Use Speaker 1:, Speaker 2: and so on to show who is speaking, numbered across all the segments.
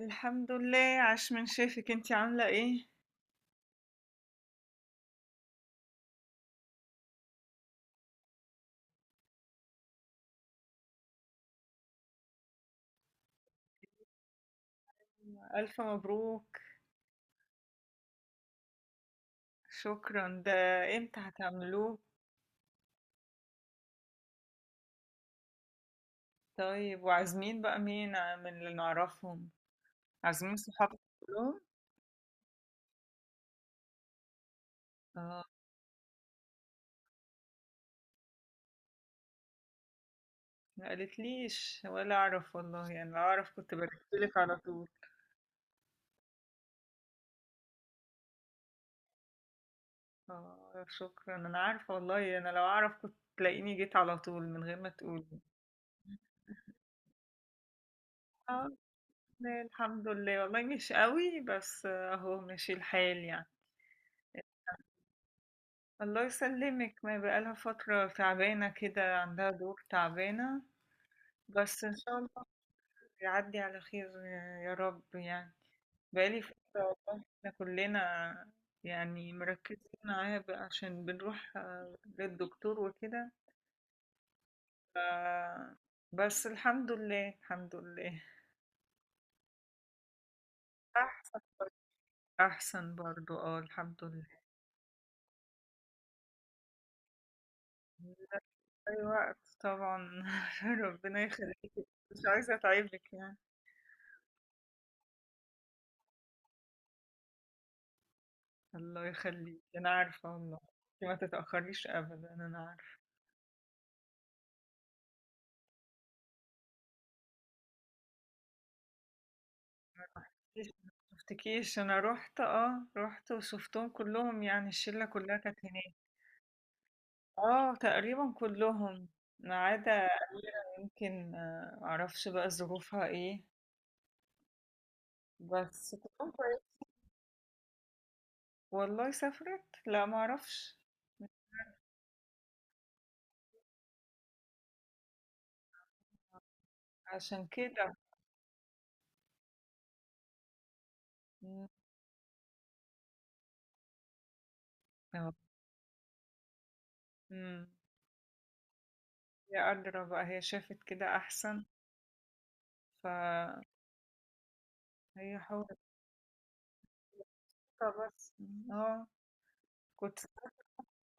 Speaker 1: الحمد لله، عاش من شافك. انتي عاملة ايه؟ ألف مبروك. شكرا ده. امتى هتعملوه؟ طيب، وعازمين بقى مين من اللي نعرفهم؟ عازمين صحابك كلهم؟ اه، ما قالتليش ولا اعرف والله. يعني لو اعرف كنت بكتبلك على طول. اه شكرا، انا عارفة والله. انا لو اعرف كنت تلاقيني جيت على طول من غير ما تقولي. اه لا، الحمد لله والله، مش قوي بس آه، اهو ماشي الحال يعني. الله يسلمك، ما بقالها فترة تعبانة كده، عندها دور تعبانة. بس إن شاء الله يعدي على خير يا رب يعني. بقالي فترة. والله احنا كلنا يعني مركزين معاها بقى عشان بنروح آه، للدكتور وكده. ف- بس الحمد لله الحمد لله. أحسن برضه، أحسن برضه، اه الحمد لله. أي وقت طبعا. ربنا يخليك. مش عايزة أتعبك يعني. الله يخليك، انا عارفه والله. انتي ما تتاخريش ابدا، انا عارفه. ما شفتكيش، انا روحت. اه روحت وشفتهم كلهم، يعني الشله كلها كانت هناك. اه تقريبا كلهم، ما عدا أميرة يمكن آه، معرفش بقى ظروفها ايه. بس تكون كويس. والله سافرت؟ لا معرفش. عشان كده. مم. اه. مم. هي قادرة بقى، هي شافت كده أحسن. فهي حاولت. بس اه كنت...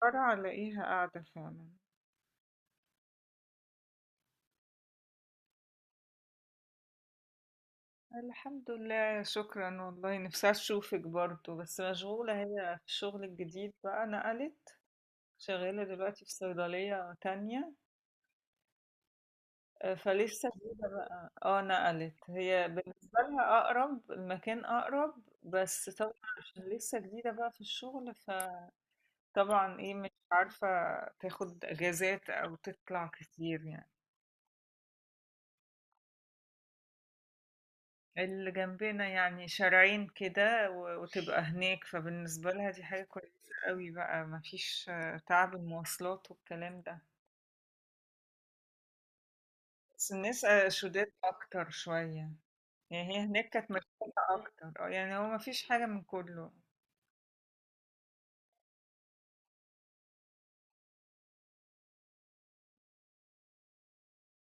Speaker 1: فرع الاقيها قاعدة فعلا. الحمد لله، شكرا والله. نفسي اشوفك برضو، بس مشغولة هي في الشغل الجديد بقى، نقلت. شغالة دلوقتي في صيدلية تانية. آه، فلسه جديدة بقى. اه نقلت. هي بالنسبة لها اقرب، المكان اقرب. بس طبعا عشان لسه جديدة بقى في الشغل، فطبعا ايه مش عارفة تاخد اجازات او تطلع كتير يعني. اللي جنبنا، يعني شارعين كده وتبقى هناك. فبالنسبة لها دي حاجة كويسة قوي بقى، مفيش آه، تعب المواصلات والكلام ده. بس الناس آه، شداد أكتر شوية. يعني هي هناك كانت مشحونة أكتر. اه يعني هو مفيش حاجة من كله.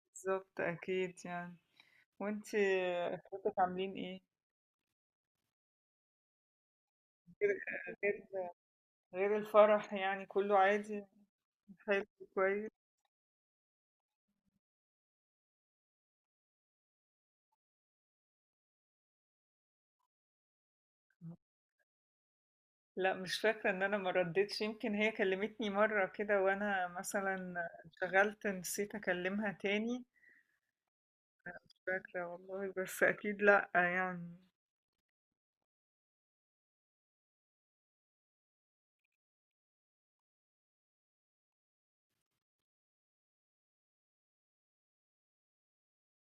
Speaker 1: بالظبط، أكيد يعني. وانتي آه، اخواتك عاملين ايه؟ غير غير غير الفرح يعني كله عادي. حلو. كويس. لأ مش فاكرة إن أنا ما ردّيتش، يمكن هي كلّمتني مرّة كده وأنا مثلًا انشغلت، نسيت أكلّمها تاني. مش فاكرة والله، بس أكيد لأ يعني.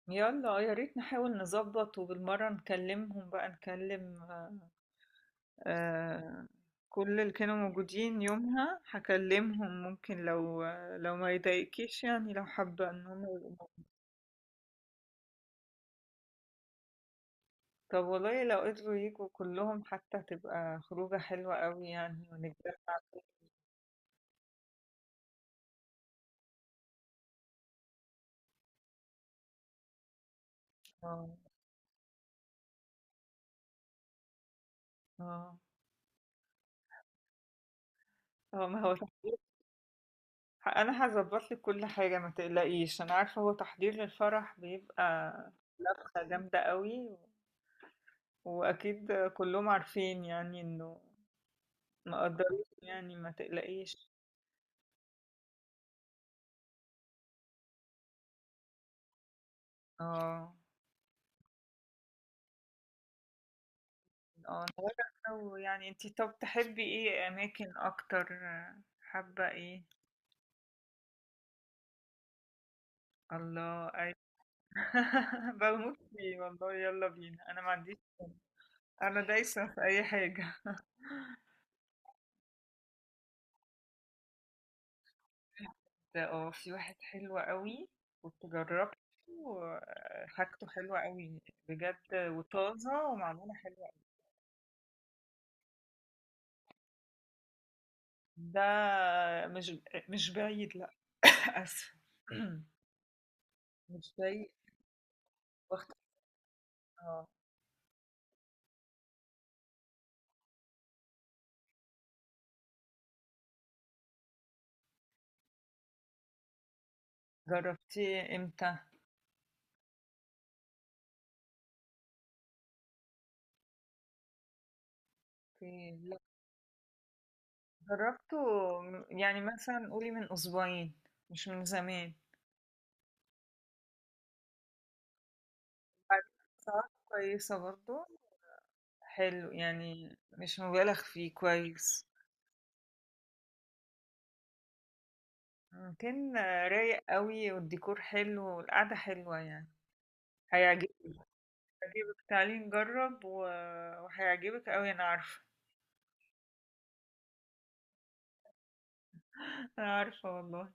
Speaker 1: يالّا يا ريت نحاول نضبّط، وبالمرّة نكلّمهم بقى، نكلّم آآ كل اللي كانوا موجودين يومها، هاكلّمهم ممكن. لو ما يضايقكيش يعني، لو حابة إن هُم يبقوا موجودين. طب والله لو قدروا ييجوا كلّهم حتى هتبقى خروجة حلوة أوي يعني ونتجمّع. آه، آه. هو ما هو تحضير. انا هظبط لك كل حاجه، ما تقلقيش انا عارفه. هو تحضير للفرح بيبقى جامده قوي. واكيد كلهم عارفين يعني انه مقدرين، يعني ما تقلقيش. اه اه. نورة، يعني انتي طب تحبي ايه اماكن اكتر؟ حابه ايه؟ الله ايوه. بموت فيه والله، يلا بينا. انا ما عنديش، انا دايسه في اي حاجه. اه في واحد حلو قوي، كنت جربته. وحاجته حلوة قوي بجد، وطازة ومعمولة حلوة. ده مش مش بعيد لا. آسف. مش بعيد وقت. اه جربتيه امتى؟ لا جربته، يعني مثلا قولي من أسبوعين، مش من زمان. بعدين سعراته كويسة برضو. حلو يعني، مش مبالغ فيه، كويس. كان رايق قوي، والديكور حلو والقعدة حلوة يعني. هيعجبك هيعجبك تعالي نجرب وهيعجبك قوي انا عارفة. انا عارفة والله.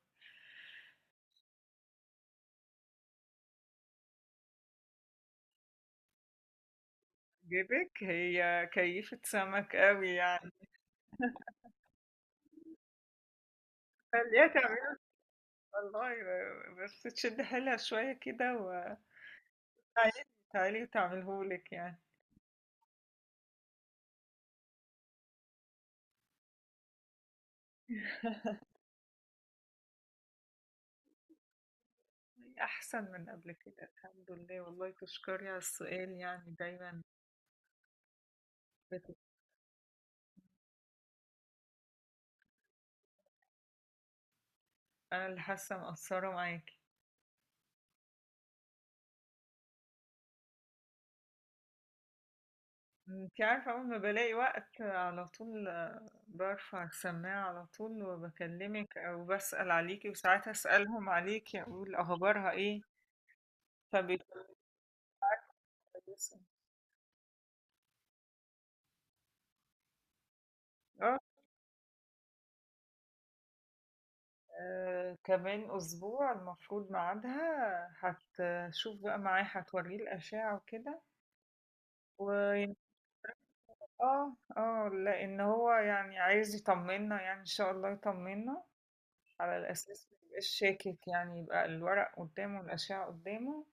Speaker 1: جيبك هي كيفة سمك قوي يعني. خليها تعمله والله، بس تشد حيلها شوية كده وتعالي. تعالي وتعملهولك يعني. أحسن من قبل كده، الحمد لله والله. تشكري على السؤال، يعني دايما بتبقى... أنا اللي حاسة مقصرة معاكي. انت عارفة، أول ما بلاقي وقت على طول آه، برفع السماعة على طول وبكلمك أو بسأل عليكي. وساعات أسألهم عليكي أقول أخبارها إيه، فبيكونوا كويسة. اه آه، كمان أسبوع المفروض ميعادها. هتشوف بقى معاه، هتوريه الأشعة وكده. و اه اه، لأن هو يعني عايز يطمنا، يعني إن شاء الله يطمنا. على الأساس ميبقاش شاكك، يعني يبقى الورق قدامه والأشعة قدامه.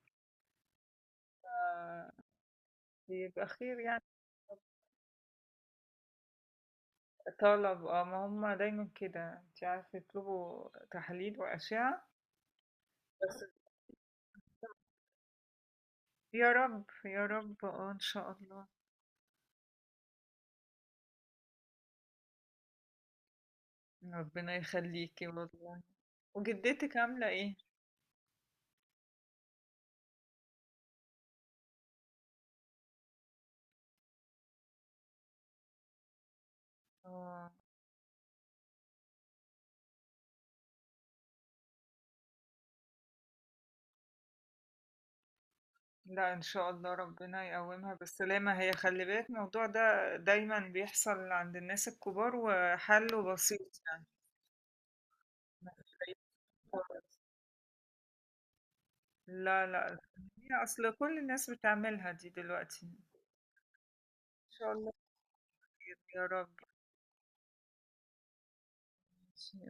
Speaker 1: آه، بيبقى خير يعني. طلب اه، ما هم دايما كده انت عارفة يطلبوا تحاليل وأشعة. بس يا رب يا رب اه ان شاء الله. ربنا يخليكي والله. وجدتك عاملة ايه؟ اه لا ان شاء الله، ربنا يقومها بالسلامة. هي خلي بالك، الموضوع ده دايما بيحصل عند الناس الكبار وحله بسيط يعني. ما تلاقيش خالص. لا لا، هي اصل كل الناس بتعملها دي دلوقتي، ان شاء الله. يا رب.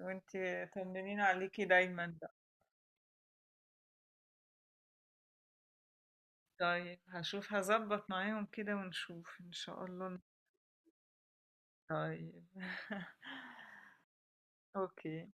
Speaker 1: وانتي طمنين عليكي دايما بقى. طيب هشوف، هظبط معاهم كده ونشوف ان شاء الله. طيب اوكي.